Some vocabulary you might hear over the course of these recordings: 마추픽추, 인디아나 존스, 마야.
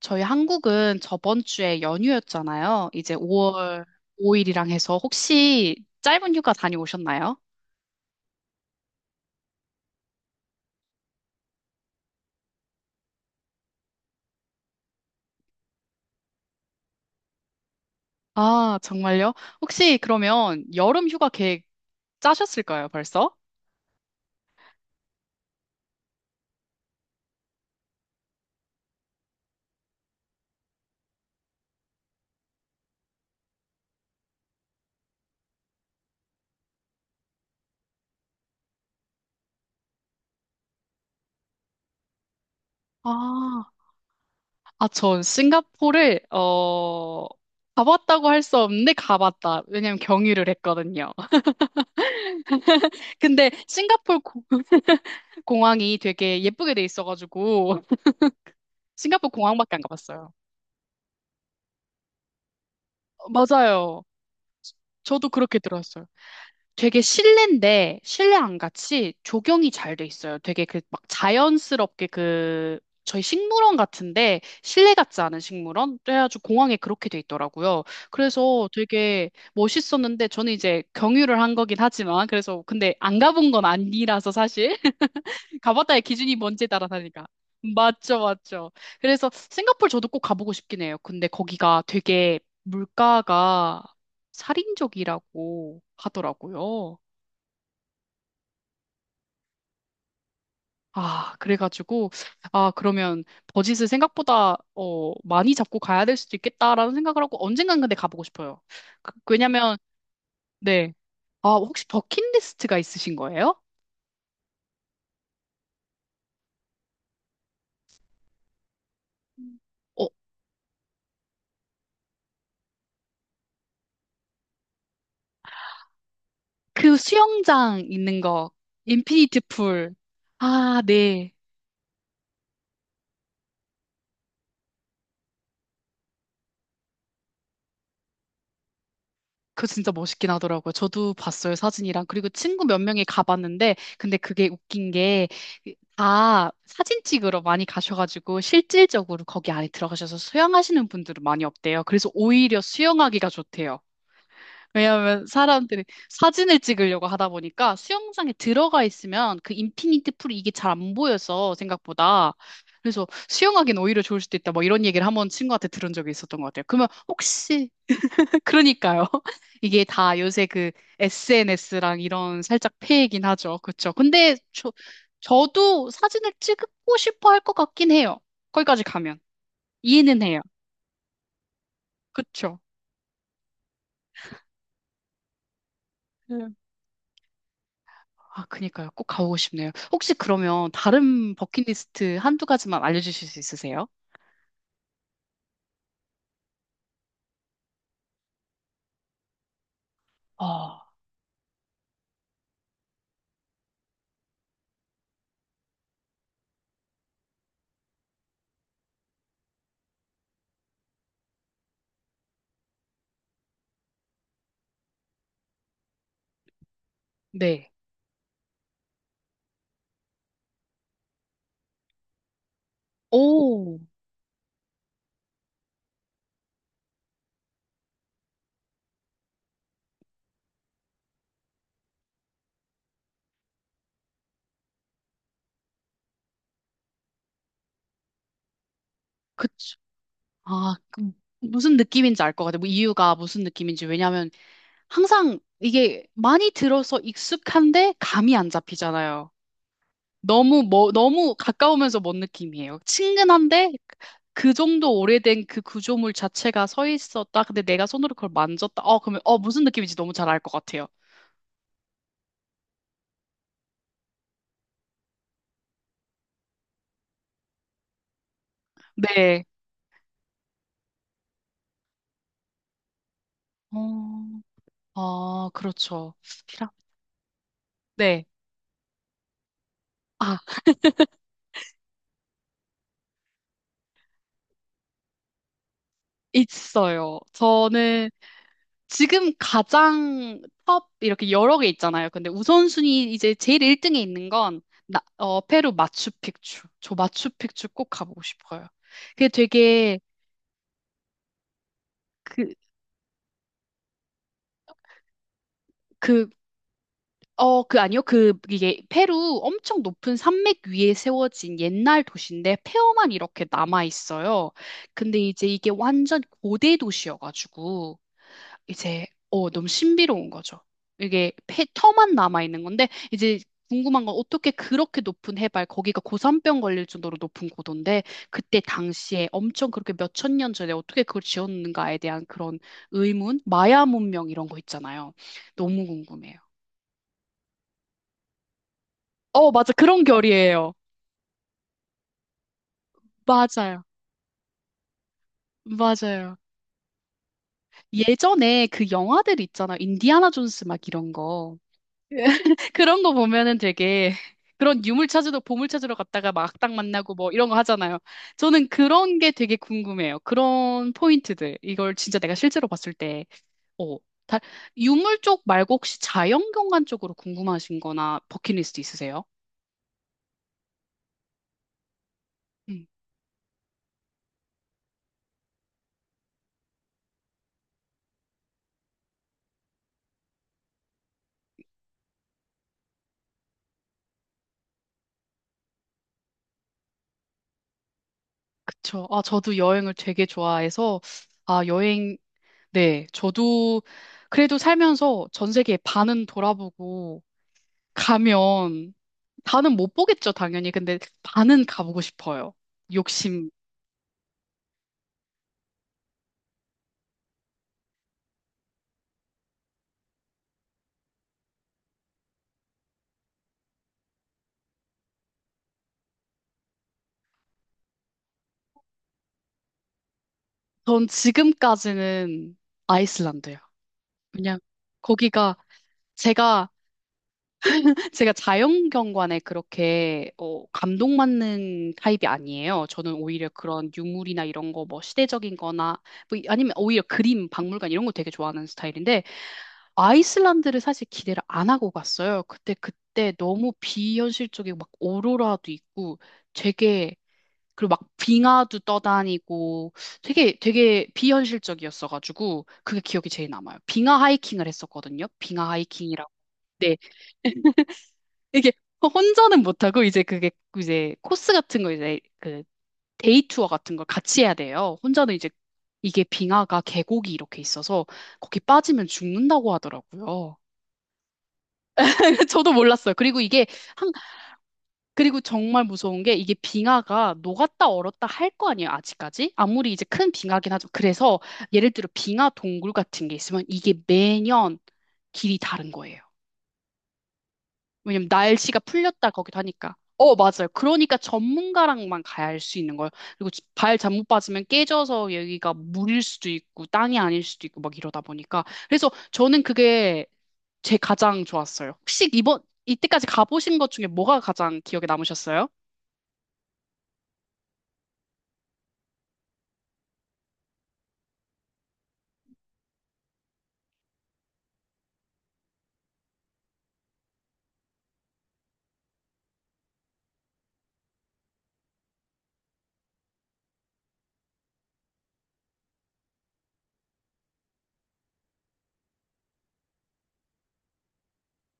저희 한국은 저번 주에 연휴였잖아요. 이제 5월 5일이랑 해서 혹시 짧은 휴가 다녀오셨나요? 아, 정말요? 혹시 그러면 여름 휴가 계획 짜셨을까요, 벌써? 아, 아, 전 싱가포르를, 가봤다고 할 수 없는데 가봤다. 왜냐면 경유를 했거든요. 근데 싱가포르 공항이 되게 예쁘게 돼 있어가지고 싱가포르 공항밖에 안 가봤어요. 맞아요. 저도 그렇게 들었어요. 되게 실내인데 실내 안 같이 조경이 잘 돼 있어요. 되게 그 막 자연스럽게 그 저희 식물원 같은데 실내 같지 않은 식물원? 그래가지고 공항에 그렇게 돼 있더라고요. 그래서 되게 멋있었는데 저는 이제 경유를 한 거긴 하지만 그래서 근데 안 가본 건 아니라서 사실 가봤다의 기준이 뭔지에 따라 다르니까. 맞죠, 맞죠. 그래서 싱가포르 저도 꼭 가보고 싶긴 해요. 근데 거기가 되게 물가가 살인적이라고 하더라고요. 아, 그래가지고, 아, 그러면 버짓을 생각보다, 많이 잡고 가야 될 수도 있겠다라는 생각을 하고 언젠간 근데 가보고 싶어요. 왜냐면, 네. 아, 혹시 버킷리스트가 있으신 거예요? 음. 어, 그 수영장 있는 거, 인피니트 풀. 아, 네. 그거 진짜 멋있긴 하더라고요. 저도 봤어요, 사진이랑. 그리고 친구 몇 명이 가봤는데, 근데 그게 웃긴 게, 다 사진 찍으러 많이 가셔가지고, 실질적으로 거기 안에 들어가셔서 수영하시는 분들은 많이 없대요. 그래서 오히려 수영하기가 좋대요. 왜냐하면 사람들이 사진을 찍으려고 하다 보니까 수영장에 들어가 있으면 그 인피니트 풀이 이게 잘 안 보여서 생각보다. 그래서 수영하기는 오히려 좋을 수도 있다. 뭐 이런 얘기를 한 번 친구한테 들은 적이 있었던 것 같아요. 그러면 혹시 그러니까요. 이게 다 요새 그 SNS랑 이런 살짝 폐이긴 하죠. 그쵸. 근데 저도 사진을 찍고 싶어 할 것 같긴 해요. 거기까지 가면. 이해는 해요. 그쵸. 네. 아, 그니까요. 꼭 가보고 싶네요. 혹시 그러면 다른 버킷리스트 한두 가지만 알려주실 수 있으세요? 아, 네. 오, 그쵸. 아, 그 무슨 느낌인지 알 것 같아요. 뭐 이유가 무슨 느낌인지. 왜냐하면 항상 이게 많이 들어서 익숙한데 감이 안 잡히잖아요. 너무 뭐 너무 가까우면서 먼 느낌이에요. 친근한데 그 정도 오래된 그 구조물 자체가 서 있었다. 근데 내가 손으로 그걸 만졌다. 그러면 무슨 느낌인지 너무 잘 알 것 같아요. 네. 어, 아 그렇죠. 피라. 네. 아 있어요. 저는 지금 가장 top 이렇게 여러 개 있잖아요. 근데 우선순위 이제 제일 1등에 있는 건 나, 페루 마추픽추. 저 마추픽추 꼭 가보고 싶어요. 그게 되게 그, 그, 그 아니요. 그 이게 페루 엄청 높은 산맥 위에 세워진 옛날 도시인데 폐허만 이렇게 남아 있어요. 근데 이제 이게 완전 고대 도시여가지고 이제 너무 신비로운 거죠. 이게 터만 남아 있는 건데 이제 궁금한 건 어떻게 그렇게 높은 해발 거기가 고산병 걸릴 정도로 높은 고도인데 그때 당시에 엄청 그렇게 몇 천년 전에 어떻게 그걸 지었는가에 대한 그런 의문, 마야 문명 이런 거 있잖아요. 너무 궁금해요. 맞아. 그런 결이에요. 맞아요. 맞아요. 예전에 그 영화들 있잖아요. 인디아나 존스 막 이런 거. 그런 거 보면은 되게 그런 유물 찾으러 보물 찾으러 갔다가 막 딱 만나고 뭐 이런 거 하잖아요. 저는 그런 게 되게 궁금해요. 그런 포인트들. 이걸 진짜 내가 실제로 봤을 때, 어, 다, 유물 쪽 말고 혹시 자연경관 쪽으로 궁금하신 거나 버킷리스트 있으세요? 음, 그쵸. 아, 저도 여행을 되게 좋아해서, 아, 네, 저도 그래도 살면서 전 세계 반은 돌아보고 가면 다는 못 보겠죠, 당연히. 근데 다는 가보고 싶어요. 욕심. 전 지금까지는 아이슬란드요. 그냥 거기가 제가 제가 자연경관에 그렇게 감동받는 타입이 아니에요. 저는 오히려 그런 유물이나 이런 거 뭐 시대적인 거나 뭐 아니면 오히려 그림, 박물관 이런 거 되게 좋아하는 스타일인데 아이슬란드를 사실 기대를 안 하고 갔어요. 그때 너무 비현실적이고 막 오로라도 있고 되게 그리고 막 빙하도 떠다니고 되게 되게 비현실적이었어가지고 그게 기억이 제일 남아요. 빙하 하이킹을 했었거든요. 빙하 하이킹이라고. 네, 이게 혼자는 못하고 이제 그게 이제 코스 같은 거 이제 그 데이 투어 같은 걸 같이 해야 돼요. 혼자는 이제 이게 빙하가 계곡이 이렇게 있어서 거기 빠지면 죽는다고 하더라고요. 저도 몰랐어요. 그리고 이게 그리고 정말 무서운 게 이게 빙하가 녹았다 얼었다 할 거 아니에요, 아직까지? 아무리 이제 큰 빙하긴 하죠. 그래서 예를 들어 빙하 동굴 같은 게 있으면 이게 매년 길이 다른 거예요. 왜냐면 날씨가 풀렸다 거기도 하니까. 어, 맞아요. 그러니까 전문가랑만 가야 할 수 있는 거예요. 그리고 발 잘못 빠지면 깨져서 여기가 물일 수도 있고 땅이 아닐 수도 있고 막 이러다 보니까. 그래서 저는 그게 제 가장 좋았어요. 혹시 이때까지 가보신 것 중에 뭐가 가장 기억에 남으셨어요?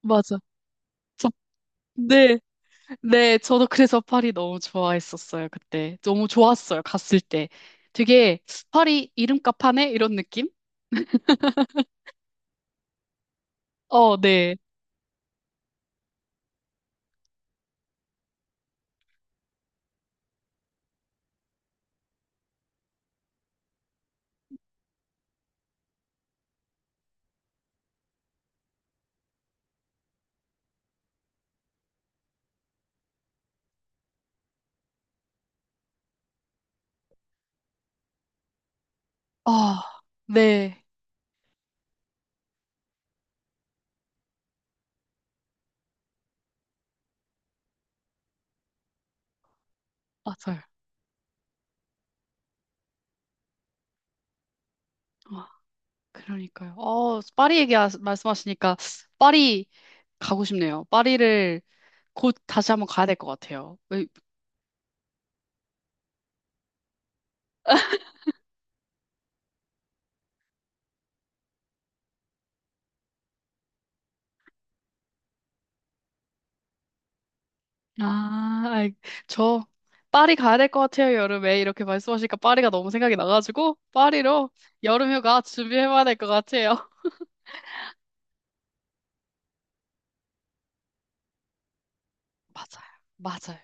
맞아. 저- 네, 네, 저도 그래서 파리 너무 좋아했었어요, 그때. 너무 좋았어요, 갔을 때. 되게, 파리 이름값 하네? 이런 느낌? 어, 네. 아, 네. 맞아요. 아, 그러니까요. 파리 얘기 말씀하시니까, 파리 가고 싶네요. 파리를 곧 다시 한번 가야 될 것 같아요. 아, 아이, 저, 파리 가야 될 것 같아요, 여름에. 이렇게 말씀하시니까 파리가 너무 생각이 나가지고, 파리로 여름휴가 준비해봐야 될 것 같아요. 맞아요. 맞아요.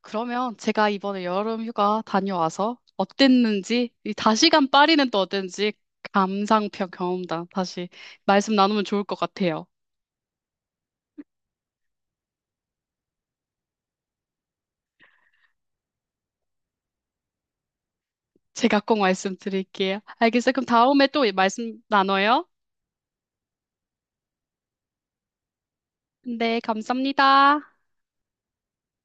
그러면 제가 이번에 여름 휴가 다녀와서 어땠는지, 이 다시간 파리는 또 어땠는지 감상평 경험담 다시 말씀 나누면 좋을 것 같아요. 제가 꼭 말씀드릴게요. 알겠어요. 그럼 다음에 또 말씀 나눠요. 네, 감사합니다.